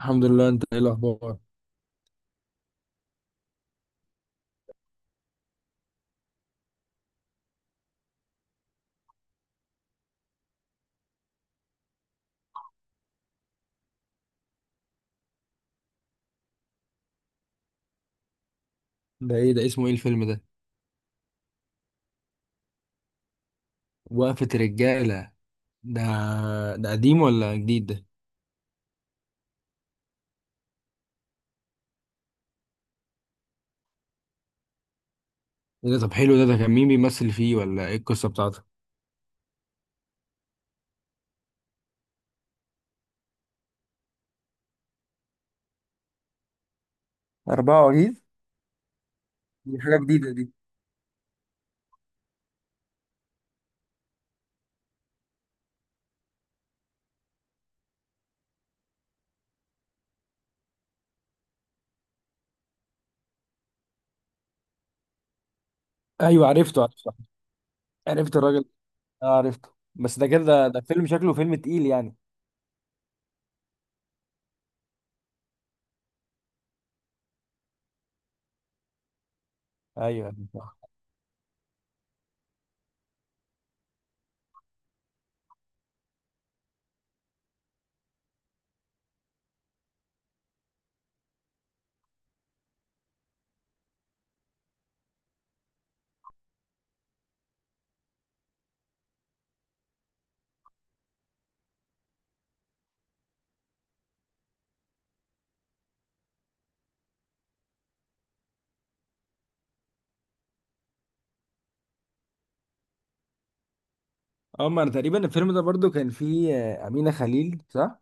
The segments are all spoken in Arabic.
الحمد لله، انت ايه الاخبار؟ ده ايه، ده اسمه ايه الفيلم ده؟ وقفة رجالة. ده ده قديم ولا جديد؟ ده ايه؟ ده طب حلو. ده كان مين بيمثل فيه، ولا ايه القصة بتاعته؟ أربعة وعجيز؟ دي حاجة جديدة دي. ايوه، عرفته عرفته. عرفت الراجل. اه، عرفته. بس ده كده، ده فيلم شكله فيلم تقيل يعني. ايوه ايوه، صح. اه، ما انا تقريبا الفيلم ده برضو كان فيه امينه خليل، صح؟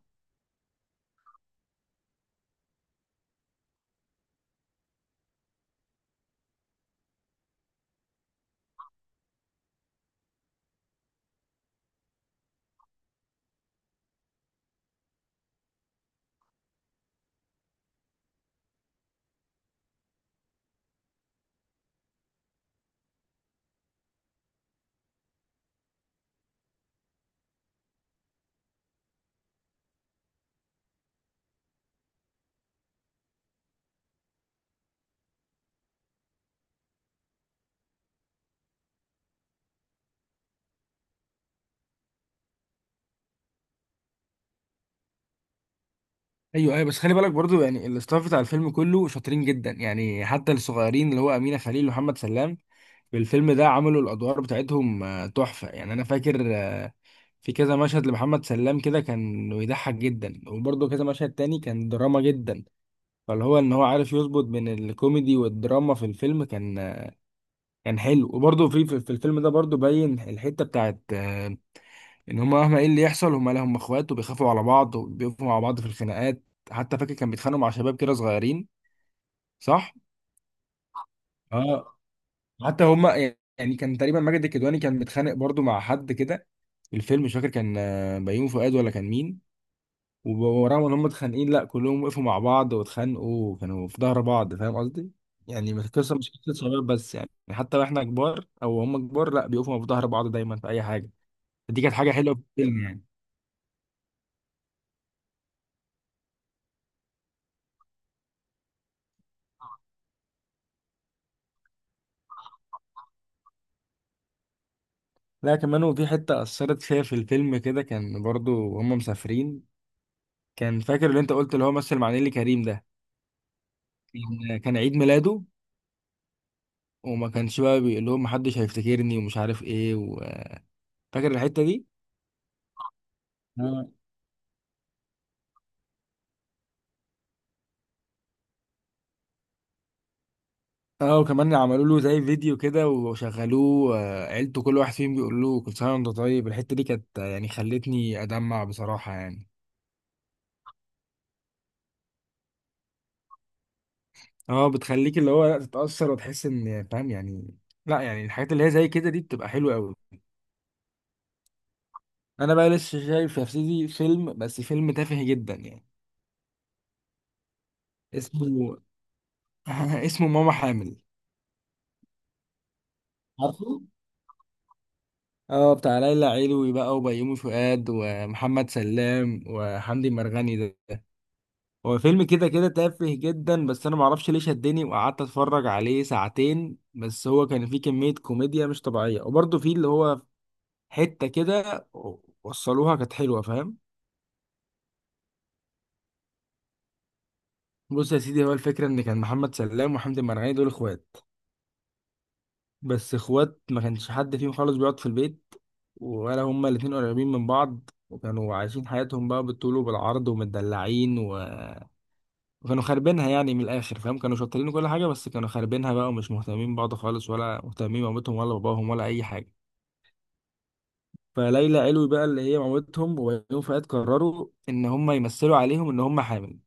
ايوه ايوه، بس خلي بالك برضو يعني الاستاف بتاع الفيلم كله شاطرين جدا يعني، حتى الصغيرين اللي هو امينه خليل ومحمد سلام. الفيلم ده عملوا الادوار بتاعتهم تحفه يعني. انا فاكر في كذا مشهد لمحمد سلام كده كان بيضحك جدا، وبرضه كذا مشهد تاني كان دراما جدا. فاللي هو ان هو عارف يظبط بين الكوميدي والدراما في الفيلم. كان حلو، وبرضه في الفيلم ده برضه باين الحته بتاعت ان هما مهما ايه اللي يحصل، هما، لا، هما اخوات وبيخافوا على بعض وبيقفوا مع بعض في الخناقات. حتى فاكر كان بيتخانقوا مع شباب كده صغيرين، صح؟ اه. حتى هما، يعني كان تقريبا ماجد الكدواني كان متخانق برضو مع حد كده. الفيلم، مش فاكر كان بيومي فؤاد ولا كان مين. ورغم ان هم اتخانقين، لا، كلهم وقفوا مع بعض واتخانقوا وكانوا في ظهر بعض، فاهم قصدي؟ يعني مش القصه، مش قصه صغير بس يعني، حتى واحنا كبار، او هم كبار، لا، بيقفوا في ظهر بعض دايما في اي حاجه. دي كانت حاجه حلوه في الفيلم يعني. لا كمان، وفي حته اثرت فيها في الفيلم كده، كان برضو هم مسافرين. كان فاكر اللي انت قلت اللي هو مثل مع نيلي كريم ده، كان عيد ميلاده، وما كانش بقى بيقول لهم محدش هيفتكرني ومش عارف ايه و... فاكر الحتة دي. آه. اه، وكمان عملوا له زي فيديو كده وشغلوه عيلته، كل واحد فيهم بيقول له كل سنه وانت طيب. الحته دي كانت يعني خلتني ادمع بصراحه يعني. اه، بتخليك اللي هو لا، تتاثر وتحس ان فاهم يعني. لا يعني الحاجات اللي هي زي كده دي بتبقى حلوه قوي. انا بقى لسه شايف يا سيدي فيلم، بس فيلم تافه جدا يعني. اسمه اسمه ماما حامل. عارفه. اه، بتاع ليلى علوي بقى وبيومي فؤاد ومحمد سلام وحمدي مرغني ده. هو فيلم كده كده تافه جدا، بس انا معرفش ليه شدني وقعدت اتفرج عليه ساعتين. بس هو كان فيه كمية كوميديا مش طبيعية، وبرضه فيه اللي هو حتة كده وصلوها كانت حلوة، فاهم. بص يا سيدي، هو الفكرة ان كان محمد سلام وحمدي مرغني دول اخوات. بس اخوات، ما كانش حد فيهم خالص بيقعد في البيت، ولا هما الاتنين قريبين من بعض، وكانوا عايشين حياتهم بقى بالطول وبالعرض ومتدلعين وكانوا خاربينها يعني من الاخر، فاهم. كانوا شاطرين وكل حاجه، بس كانوا خاربينها بقى، ومش مهتمين ببعض خالص، ولا مهتمين بمامتهم ولا باباهم ولا اي حاجه. فليلى علوي بقى اللي هي مامتهم، وبيومي فؤاد، قرروا ان هم يمثلوا عليهم ان هم حامل،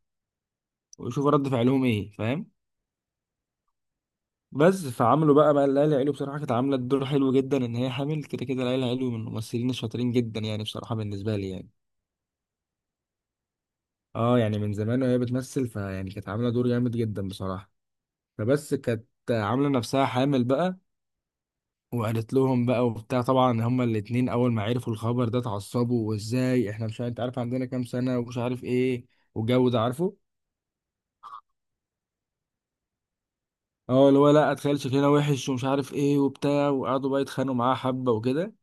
ويشوفوا رد فعلهم ايه، فاهم. بس فعملوا بقى ليلى علوي بصراحه كانت عامله الدور حلو جدا ان هي حامل. كده كده ليلى علوي من الممثلين الشاطرين جدا يعني بصراحه، بالنسبه لي يعني. اه، يعني من زمان وهي بتمثل، فيعني كانت عامله دور جامد جدا بصراحه. فبس كانت عامله نفسها حامل بقى، وقالت لهم بقى وبتاع. طبعا هما الاتنين اول ما عرفوا الخبر ده اتعصبوا، وازاي احنا مش عارف- انت عارف عندنا كام سنة ومش عارف ايه، والجو ده عارفه. اه، اللي هو لا، اتخيل شكلنا وحش ومش عارف ايه وبتاع، وقعدوا بقى يتخانقوا معاه حبة وكده.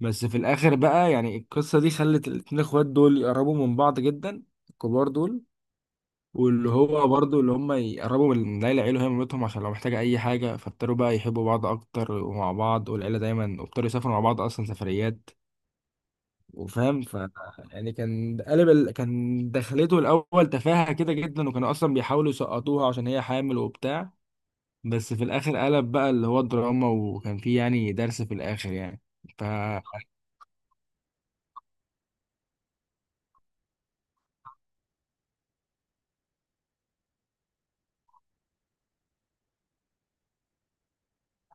بس في الاخر بقى يعني القصة دي خلت الاتنين اخوات دول يقربوا من بعض جدا، الكبار دول، واللي هو برضه اللي هم يقربوا من العيلة، عيله هي مامتهم عشان لو محتاجة أي حاجة. فابتدوا بقى يحبوا بعض أكتر، ومع بعض والعيلة دايما، وابتدوا يسافروا مع بعض أصلا سفريات، وفاهم. يعني كان دخلته الاول تفاهه كده جدا، وكانوا اصلا بيحاولوا يسقطوها عشان هي حامل وبتاع. بس في الاخر قلب بقى اللي هو دراما، وكان فيه يعني درس في الاخر يعني. اه،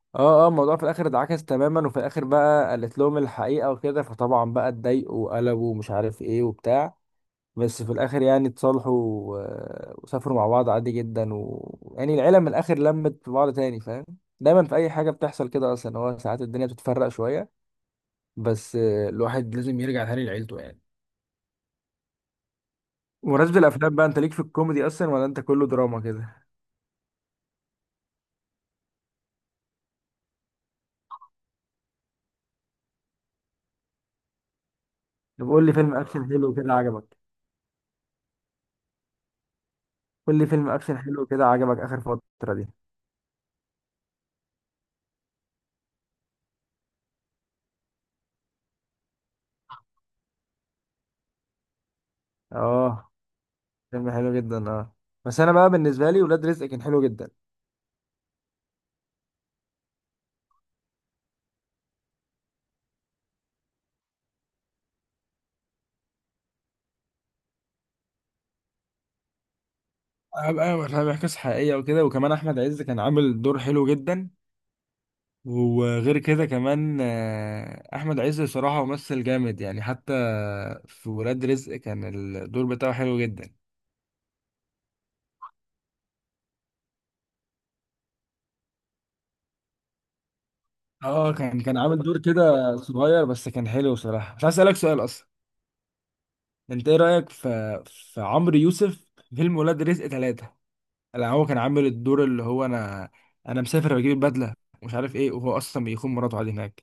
اه، الموضوع في الاخر اتعكس تماما، وفي الاخر بقى قالت لهم الحقيقه وكده، فطبعا بقى اتضايقوا وقلبوا ومش عارف ايه وبتاع. بس في الاخر يعني اتصالحوا و- وسافروا مع بعض عادي جدا و... يعني العيله من الاخر لمت في بعض تاني، فاهم. دايما في اي حاجه بتحصل كده، اصلا هو ساعات الدنيا بتتفرق شويه، بس الواحد لازم يرجع تاني لعيلته يعني. بمناسبة الأفلام بقى، أنت ليك في الكوميدي أصلا ولا أنت كله دراما كده؟ طب قول لي فيلم أكشن حلو كده عجبك، قول لي فيلم أكشن حلو كده عجبك آخر فترة دي؟ أه، فيلم حلو جدا. بس أنا بقى بالنسبة لي ولاد رزق كان حلو جدا. هبقى بيحكي قصة حقيقية وكده، وكمان أحمد عز كان عامل دور حلو جدا. وغير كده كمان احمد عز صراحة ممثل جامد يعني، حتى في ولاد رزق كان الدور بتاعه حلو جدا. اه، كان عامل دور كده صغير بس كان حلو صراحة. بس عايز اسألك سؤال اصلا، انت ايه رأيك في عمرو يوسف في فيلم ولاد رزق 3؟ لا، هو كان عامل الدور اللي هو، انا مسافر بجيب البدلة، مش عارف ايه، وهو اصلا بيخون مراته عادي هناك.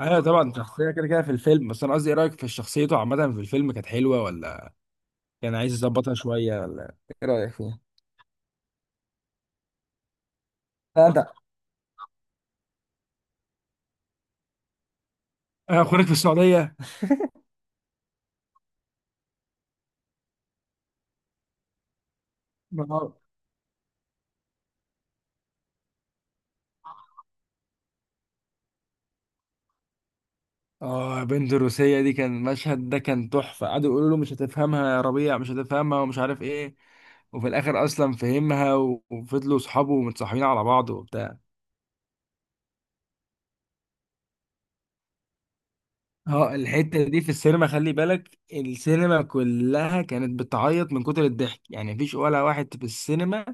ايوه طبعا، شخصية كده كده في الفيلم، بس انا قصدي ايه رأيك في شخصيته عامة في الفيلم، كانت حلوة ولا يعني عايز يظبطها شوية، ولا ايه رأيك فيها؟ لا انت. انا اخوانك في السعودية. اه. بنت الروسية دي، كان المشهد ده كان تحفة، قعدوا يقولوا له مش هتفهمها يا ربيع، مش هتفهمها ومش عارف ايه. وفي الاخر اصلا فهمها و- وفضلوا صحابه متصاحبين على بعض وبتاع. اه، الحتة دي في السينما، خلي بالك السينما كلها كانت بتعيط من كتر الضحك يعني، مفيش ولا واحد في السينما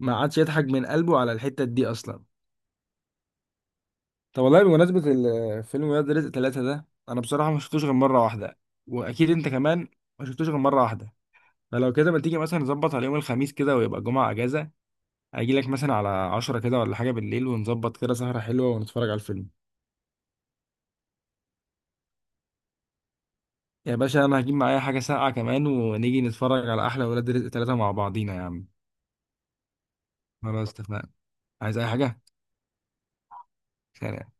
ما عادش يضحك من قلبه على الحتة دي اصلا. طب والله، بمناسبة فيلم ولاد رزق 3 ده، أنا بصراحة ما شفتوش غير مرة واحدة، وأكيد أنت كمان ما شفتوش غير مرة واحدة. فلو كده، ما تيجي مثلا نظبط على يوم الخميس كده ويبقى الجمعة أجازة، أجي لك مثلا على 10 كده ولا حاجة بالليل، ونظبط كده سهرة حلوة ونتفرج على الفيلم. يا باشا، أنا هجيب معايا حاجة ساقعة كمان، ونيجي نتفرج على أحلى ولاد رزق 3 مع بعضينا يا عم. خلاص اتفقنا. عايز أي حاجة؟ سلام.